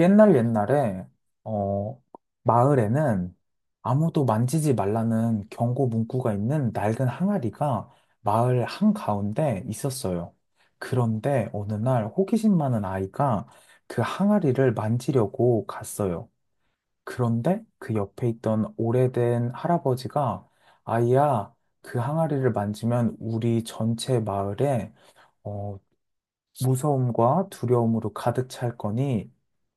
옛날 옛날에 어 마을에는 아무도 만지지 말라는 경고 문구가 있는 낡은 항아리가 마을 한가운데 있었어요. 그런데 어느 날 호기심 많은 아이가 그 항아리를 만지려고 갔어요. 그런데 그 옆에 있던 오래된 할아버지가 아이야, 그 항아리를 만지면 우리 전체 마을에 어, 무서움과 두려움으로 가득 찰 거니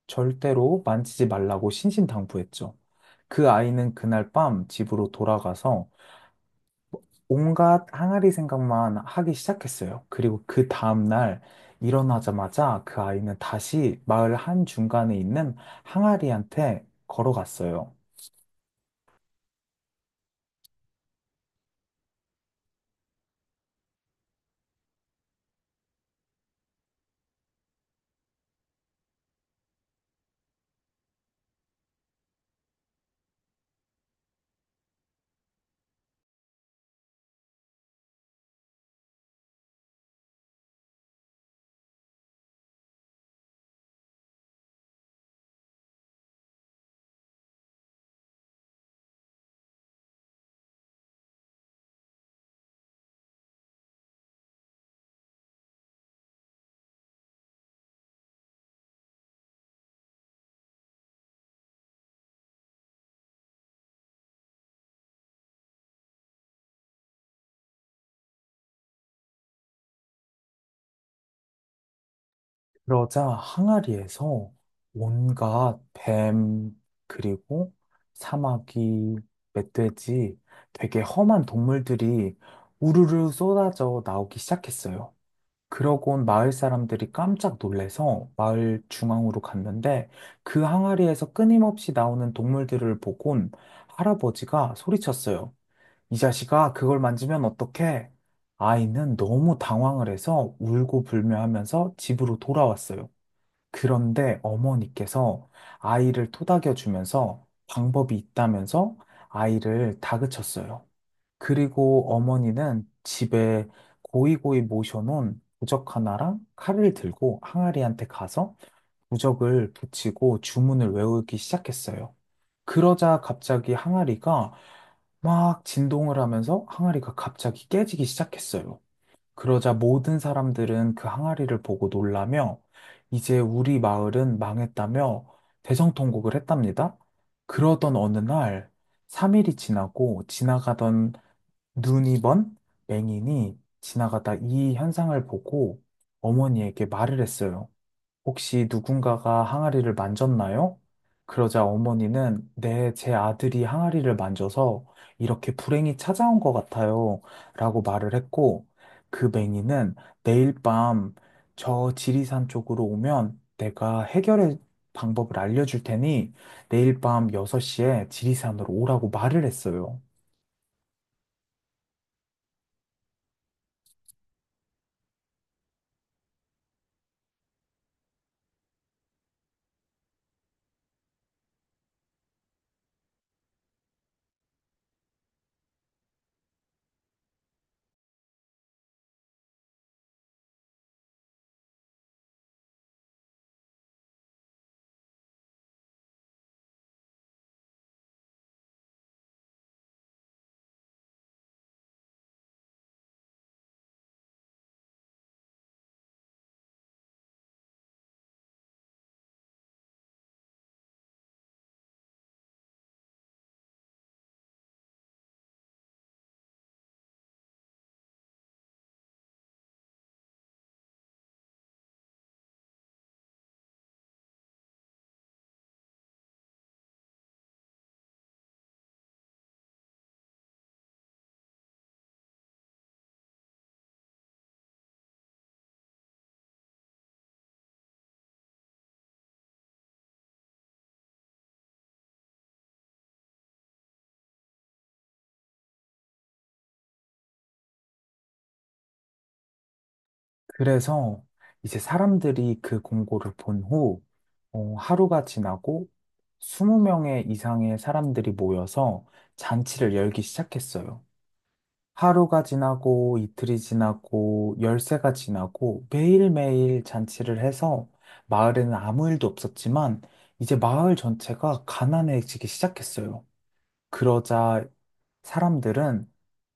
절대로 만지지 말라고 신신당부했죠. 그 아이는 그날 밤 집으로 돌아가서 온갖 항아리 생각만 하기 시작했어요. 그리고 그 다음날 일어나자마자 그 아이는 다시 마을 한중간에 있는 항아리한테 걸어갔어요. 그러자 항아리에서 온갖 뱀, 그리고 사마귀, 멧돼지, 되게 험한 동물들이 우르르 쏟아져 나오기 시작했어요. 그러고 온 마을 사람들이 깜짝 놀래서 마을 중앙으로 갔는데 그 항아리에서 끊임없이 나오는 동물들을 보곤 할아버지가 소리쳤어요. 이 자식아, 그걸 만지면 어떡해? 아이는 너무 당황을 해서 울고 불며 하면서 집으로 돌아왔어요. 그런데 어머니께서 아이를 토닥여 주면서 방법이 있다면서 아이를 다그쳤어요. 그리고 어머니는 집에 고이고이 모셔놓은 부적 하나랑 칼을 들고 항아리한테 가서 부적을 붙이고 주문을 외우기 시작했어요. 그러자 갑자기 항아리가 막 진동을 하면서 항아리가 갑자기 깨지기 시작했어요. 그러자 모든 사람들은 그 항아리를 보고 놀라며 이제 우리 마을은 망했다며 대성통곡을 했답니다. 그러던 어느 날 3일이 지나고 지나가던 눈이 먼 맹인이 지나가다 이 현상을 보고 어머니에게 말을 했어요. 혹시 누군가가 항아리를 만졌나요? 그러자 어머니는 네, 제 아들이 항아리를 만져서 이렇게 불행이 찾아온 것 같아요. 라고 말을 했고, 그 맹인은 내일 밤 저 지리산 쪽으로 오면 내가 해결의 방법을 알려줄 테니 내일 밤 6시에 지리산으로 오라고 말을 했어요. 그래서 이제 사람들이 그 공고를 본 후, 하루가 지나고 20명의 이상의 사람들이 모여서 잔치를 열기 시작했어요. 하루가 지나고 이틀이 지나고 열세가 지나고 매일매일 잔치를 해서 마을에는 아무 일도 없었지만 이제 마을 전체가 가난해지기 시작했어요. 그러자 사람들은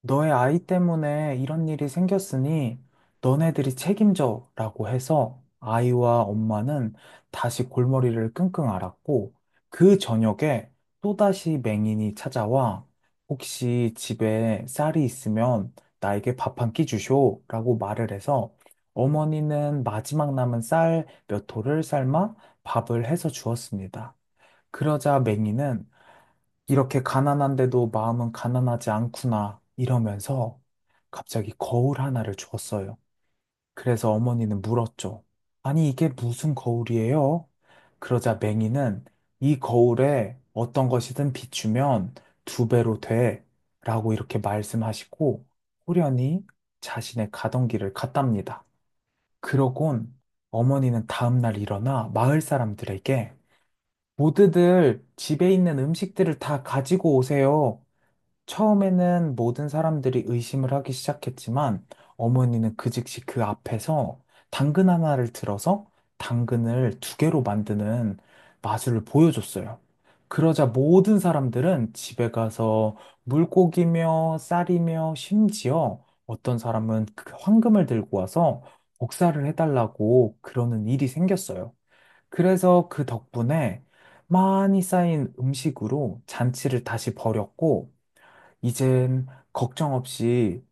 너의 아이 때문에 이런 일이 생겼으니 너네들이 책임져 라고 해서 아이와 엄마는 다시 골머리를 끙끙 앓았고 그 저녁에 또다시 맹인이 찾아와 혹시 집에 쌀이 있으면 나에게 밥 한 끼 주쇼 라고 말을 해서 어머니는 마지막 남은 쌀 몇 토를 삶아 밥을 해서 주었습니다. 그러자 맹인은 이렇게 가난한데도 마음은 가난하지 않구나 이러면서 갑자기 거울 하나를 주었어요. 그래서 어머니는 물었죠. 아니, 이게 무슨 거울이에요? 그러자 맹이는 이 거울에 어떤 것이든 비추면 두 배로 돼 라고 이렇게 말씀하시고 호련히 자신의 가던 길을 갔답니다. 그러곤 어머니는 다음날 일어나 마을 사람들에게 모두들 집에 있는 음식들을 다 가지고 오세요. 처음에는 모든 사람들이 의심을 하기 시작했지만 어머니는 그 즉시 그 앞에서 당근 하나를 들어서 당근을 두 개로 만드는 마술을 보여줬어요. 그러자 모든 사람들은 집에 가서 물고기며 쌀이며 심지어 어떤 사람은 그 황금을 들고 와서 복사를 해달라고 그러는 일이 생겼어요. 그래서 그 덕분에 많이 쌓인 음식으로 잔치를 다시 벌였고 이젠 걱정 없이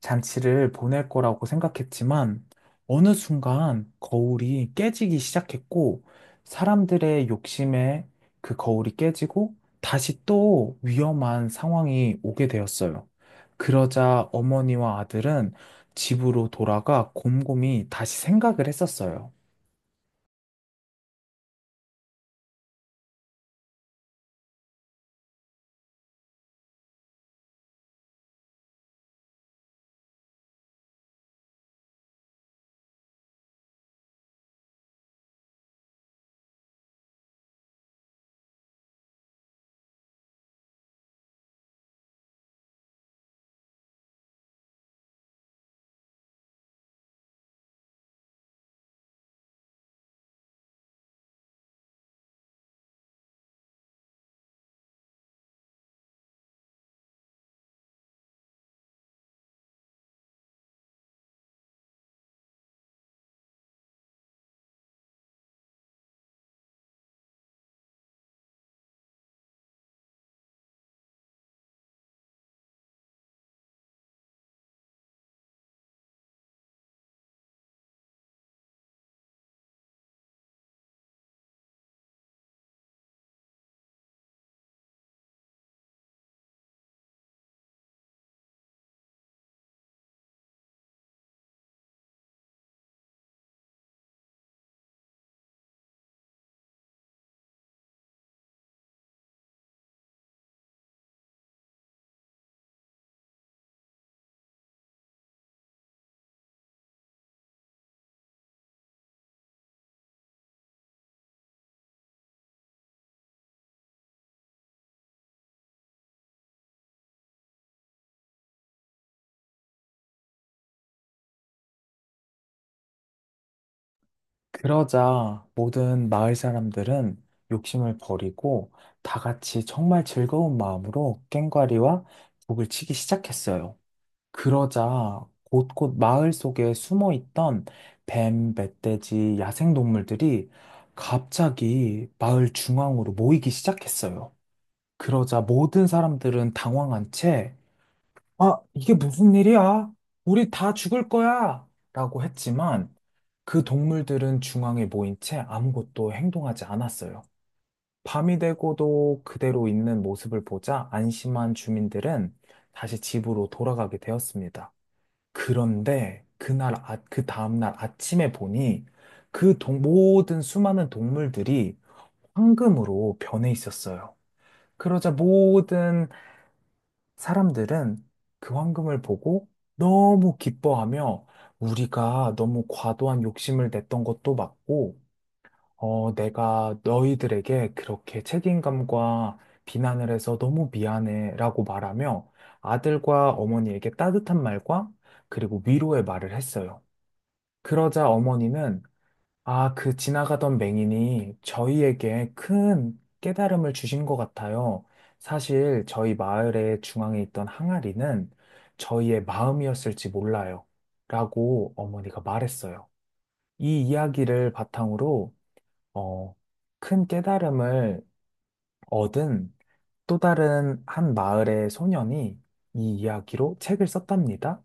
잔치를 보낼 거라고 생각했지만 어느 순간 거울이 깨지기 시작했고 사람들의 욕심에 그 거울이 깨지고 다시 또 위험한 상황이 오게 되었어요. 그러자 어머니와 아들은 집으로 돌아가 곰곰이 다시 생각을 했었어요. 그러자 모든 마을 사람들은 욕심을 버리고 다 같이 정말 즐거운 마음으로 꽹과리와 북을 치기 시작했어요. 그러자 곳곳 마을 속에 숨어 있던 뱀, 멧돼지, 야생동물들이 갑자기 마을 중앙으로 모이기 시작했어요. 그러자 모든 사람들은 당황한 채, 아, 이게 무슨 일이야? 우리 다 죽을 거야! 라고 했지만, 그 동물들은 중앙에 모인 채 아무것도 행동하지 않았어요. 밤이 되고도 그대로 있는 모습을 보자 안심한 주민들은 다시 집으로 돌아가게 되었습니다. 그런데 그날, 아, 그 다음날 아침에 보니 모든 수많은 동물들이 황금으로 변해 있었어요. 그러자 모든 사람들은 그 황금을 보고 너무 기뻐하며 우리가 너무 과도한 욕심을 냈던 것도 맞고 내가 너희들에게 그렇게 책임감과 비난을 해서 너무 미안해라고 말하며 아들과 어머니에게 따뜻한 말과 그리고 위로의 말을 했어요. 그러자 어머니는 아, 그 지나가던 맹인이 저희에게 큰 깨달음을 주신 것 같아요. 사실 저희 마을의 중앙에 있던 항아리는 저희의 마음이었을지 몰라요. 라고 어머니가 말했어요. 이 이야기를 바탕으로 어, 큰 깨달음을 얻은 또 다른 한 마을의 소년이 이 이야기로 책을 썼답니다.